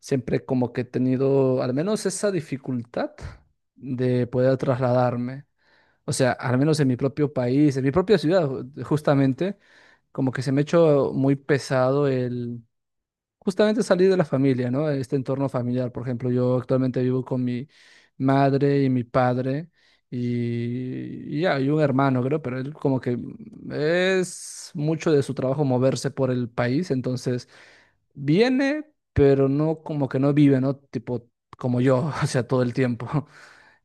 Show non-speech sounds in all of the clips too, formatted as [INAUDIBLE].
Siempre como que he tenido al menos esa dificultad de poder trasladarme. O sea, al menos en mi propio país, en mi propia ciudad, justamente, como que se me ha hecho muy pesado el justamente salir de la familia, ¿no? Este entorno familiar. Por ejemplo, yo actualmente vivo con mi madre y mi padre y ya, y un hermano, creo, pero él como que es mucho de su trabajo moverse por el país, entonces viene, pero no como que no vive, ¿no? Tipo como yo, [LAUGHS] o sea, todo el tiempo. [LAUGHS]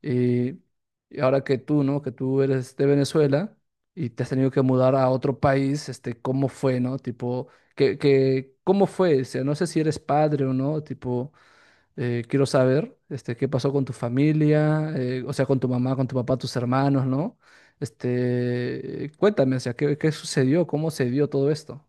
Y, y ahora que tú, ¿no? Que tú eres de Venezuela y te has tenido que mudar a otro país, ¿cómo fue? ¿No? Tipo, ¿cómo fue? O sea, no sé si eres padre o no, tipo, quiero saber, qué pasó con tu familia, o sea, con tu mamá, con tu papá, tus hermanos, ¿no? Este, cuéntame, o sea, ¿ qué sucedió? ¿Cómo se dio todo esto?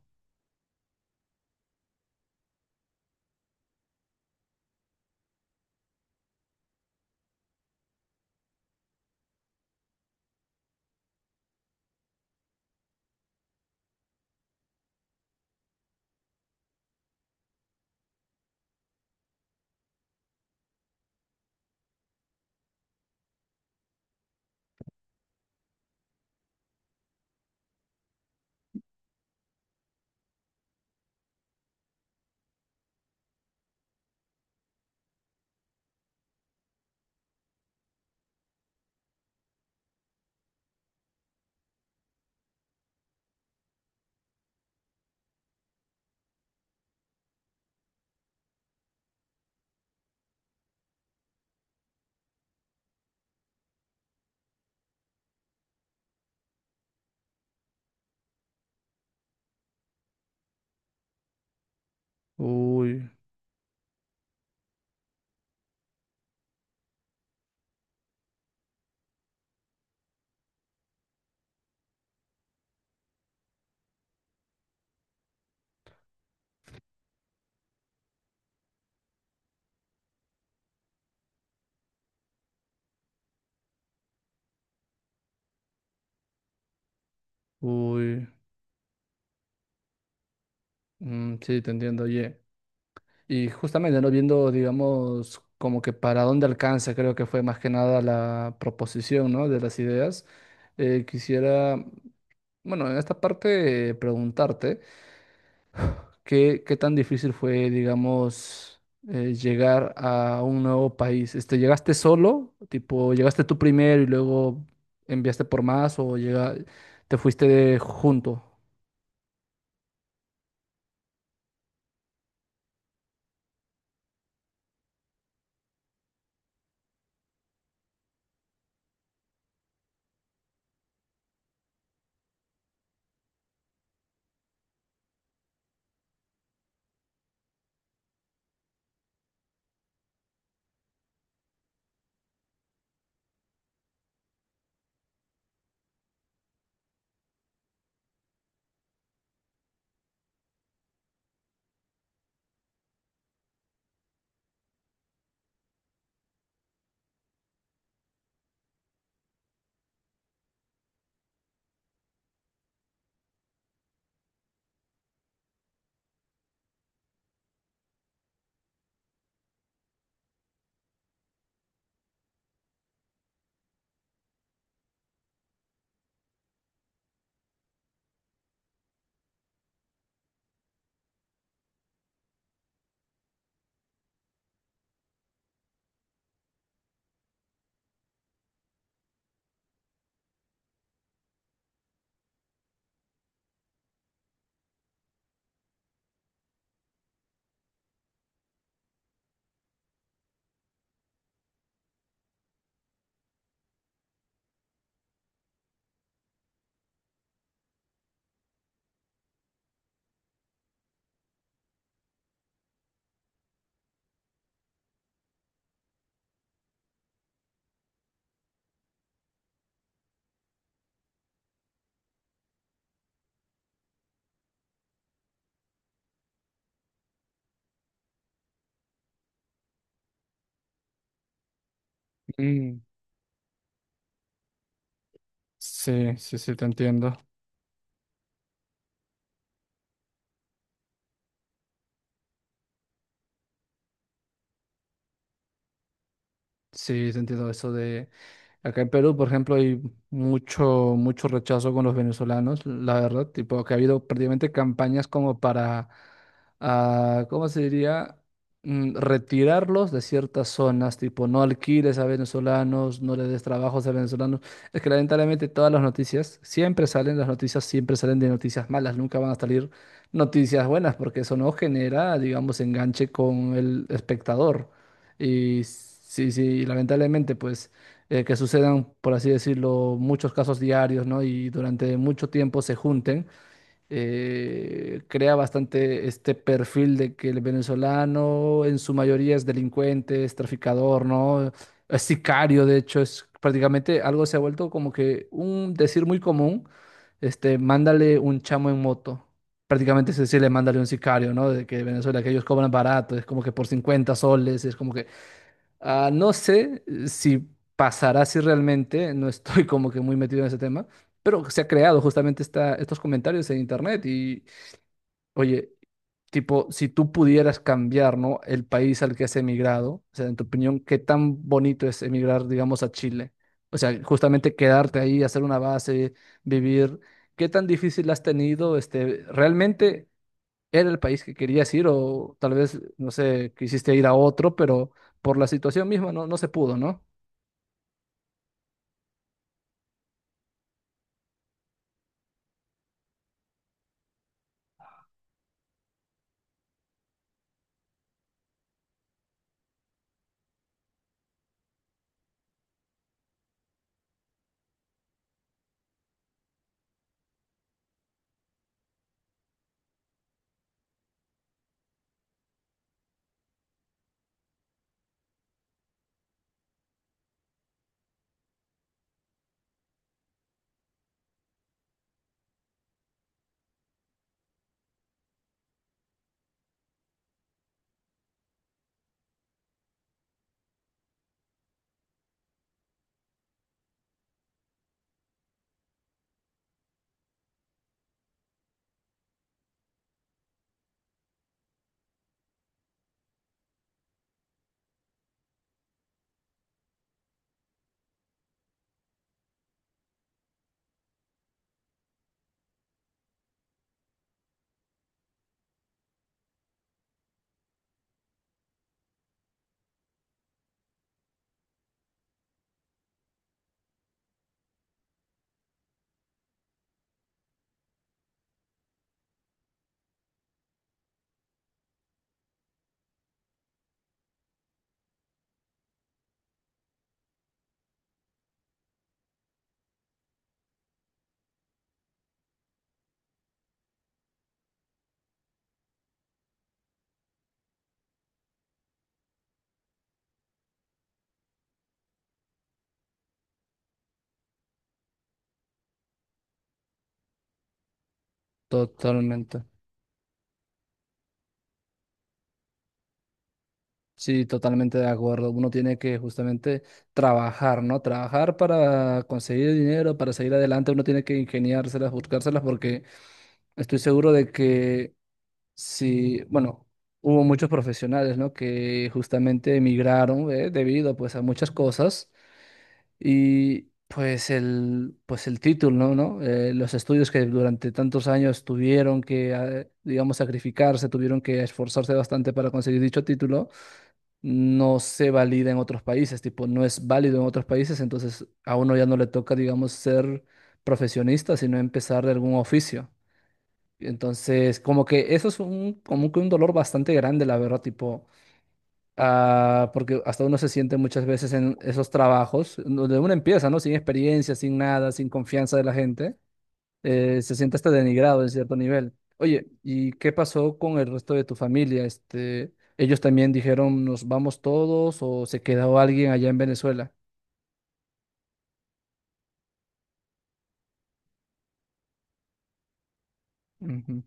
Uy, uy. Mm, sí, te entiendo, oye. Y justamente, ¿no? Viendo, digamos, como que para dónde alcanza, creo que fue más que nada la proposición, ¿no? De las ideas. Eh, quisiera, bueno, en esta parte preguntarte, ¿ qué tan difícil fue, digamos, llegar a un nuevo país? Este, ¿llegaste solo? Tipo, ¿llegaste tú primero y luego enviaste por más o te fuiste junto? Mm, sí, sí, sí, te entiendo. Sí, te entiendo eso de acá en Perú, por ejemplo, hay mucho, mucho rechazo con los venezolanos, la verdad, tipo que ha habido prácticamente campañas como para, ah, ¿cómo se diría? Mm, retirarlos de ciertas zonas, tipo no alquiles a venezolanos, no le des trabajos a venezolanos. Es que lamentablemente todas las noticias siempre salen, las noticias siempre salen de noticias malas, nunca van a salir noticias buenas porque eso no genera, digamos, enganche con el espectador. Y sí, sí, lamentablemente, pues, que sucedan, por así decirlo, muchos casos diarios, ¿no? Y durante mucho tiempo se junten, crea bastante este perfil de que el venezolano en su mayoría es delincuente, es traficador, ¿no? Es sicario, de hecho, es prácticamente algo se ha vuelto como que un decir muy común, este, mándale un chamo en moto. Prácticamente es decirle, mándale un sicario, ¿no? De que Venezuela, que ellos cobran barato, es como que por 50 soles, es como que ah, no sé si pasará si realmente, no estoy como que muy metido en ese tema, pero se ha creado justamente estos comentarios en internet y, oye, tipo, si tú pudieras cambiar, ¿no? El país al que has emigrado, o sea, en tu opinión, ¿qué tan bonito es emigrar, digamos, a Chile? O sea, justamente quedarte ahí, hacer una base, vivir, ¿qué tan difícil has tenido? Este, realmente era el país que querías ir o tal vez, no sé, quisiste ir a otro, pero por la situación misma no, no se pudo, ¿no? Totalmente. Sí, totalmente de acuerdo. Uno tiene que justamente trabajar, ¿no? Trabajar para conseguir dinero, para seguir adelante. Uno tiene que ingeniárselas, buscárselas, porque estoy seguro de que si, bueno, hubo muchos profesionales, ¿no? Que justamente emigraron, ¿eh? Debido, pues, a muchas cosas. Y pues el título, ¿no? ¿No? Los estudios que durante tantos años tuvieron que, digamos, sacrificarse, tuvieron que esforzarse bastante para conseguir dicho título, no se valida en otros países, tipo, no es válido en otros países, entonces a uno ya no le toca, digamos, ser profesionista, sino empezar de algún oficio. Entonces, como que eso es un, como que un dolor bastante grande, la verdad, tipo... Ah, porque hasta uno se siente muchas veces en esos trabajos, donde uno empieza, ¿no? Sin experiencia, sin nada, sin confianza de la gente, se siente hasta denigrado en cierto nivel. Oye, ¿y qué pasó con el resto de tu familia? Este, ellos también dijeron, nos vamos todos o se quedó alguien allá en Venezuela. Ujú.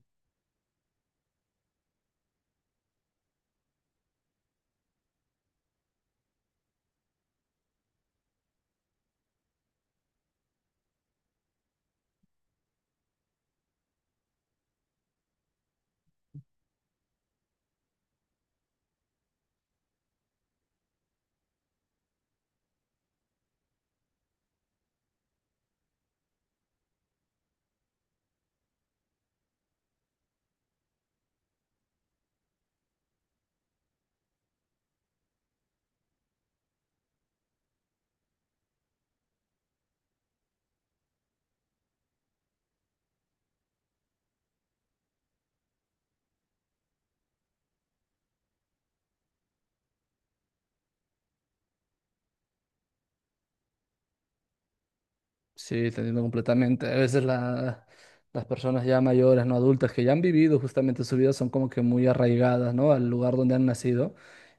Sí, te entiendo completamente. Las personas ya mayores, no adultas, que ya han vivido justamente su vida, son como que muy arraigadas, ¿no? Al lugar donde han nacido.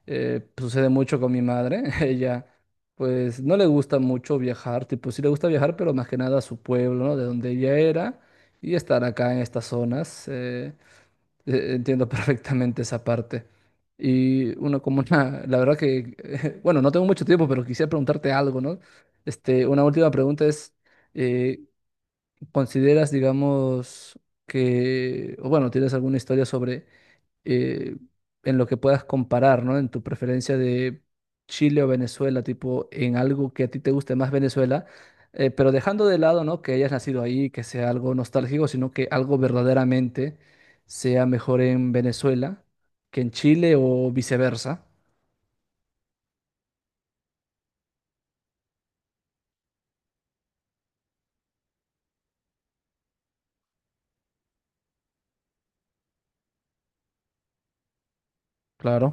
Sucede mucho con mi madre. [LAUGHS] Ella, pues, no le gusta mucho viajar. Tipo, sí le gusta viajar, pero más que nada a su pueblo, ¿no? De donde ella era y estar acá en estas zonas. Entiendo perfectamente esa parte. Y uno como una, la verdad que, [LAUGHS] bueno, no tengo mucho tiempo, pero quisiera preguntarte algo, ¿no? Este, una última pregunta es, eh, ¿consideras, digamos, que, o bueno, tienes alguna historia sobre eh, en lo que puedas comparar, ¿no? En tu preferencia de Chile o Venezuela, tipo, en algo que a ti te guste más Venezuela, pero dejando de lado, ¿no? Que hayas nacido ahí, que sea algo nostálgico, sino que algo verdaderamente sea mejor en Venezuela que en Chile o viceversa. Claro,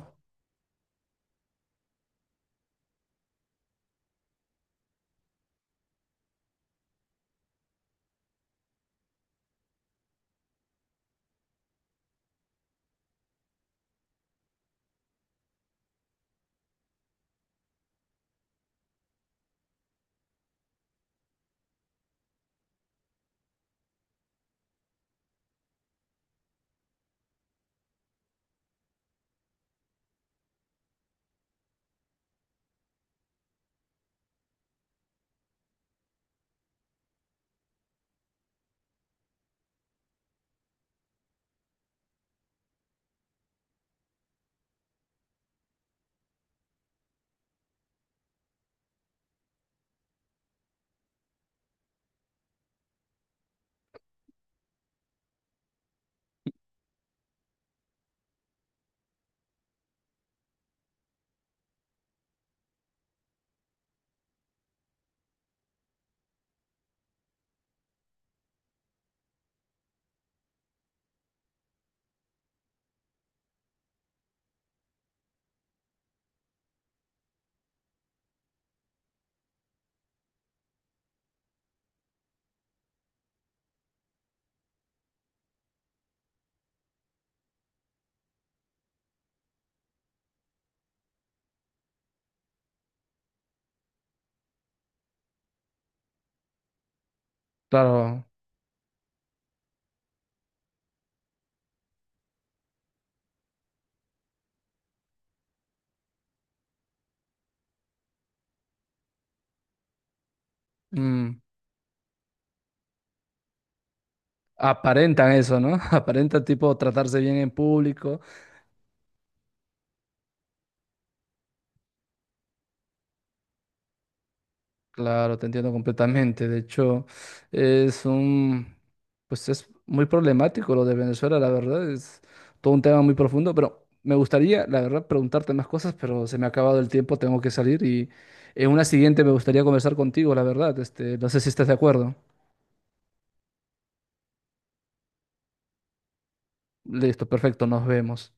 claro. Mm, aparentan eso, ¿no? [LAUGHS] Aparentan tipo tratarse bien en público. Claro, te entiendo completamente. De hecho, es un, pues es muy problemático lo de Venezuela, la verdad, es todo un tema muy profundo, pero me gustaría, la verdad, preguntarte más cosas, pero se me ha acabado el tiempo, tengo que salir y en una siguiente me gustaría conversar contigo, la verdad, este, no sé si estás de acuerdo. Listo, perfecto, nos vemos.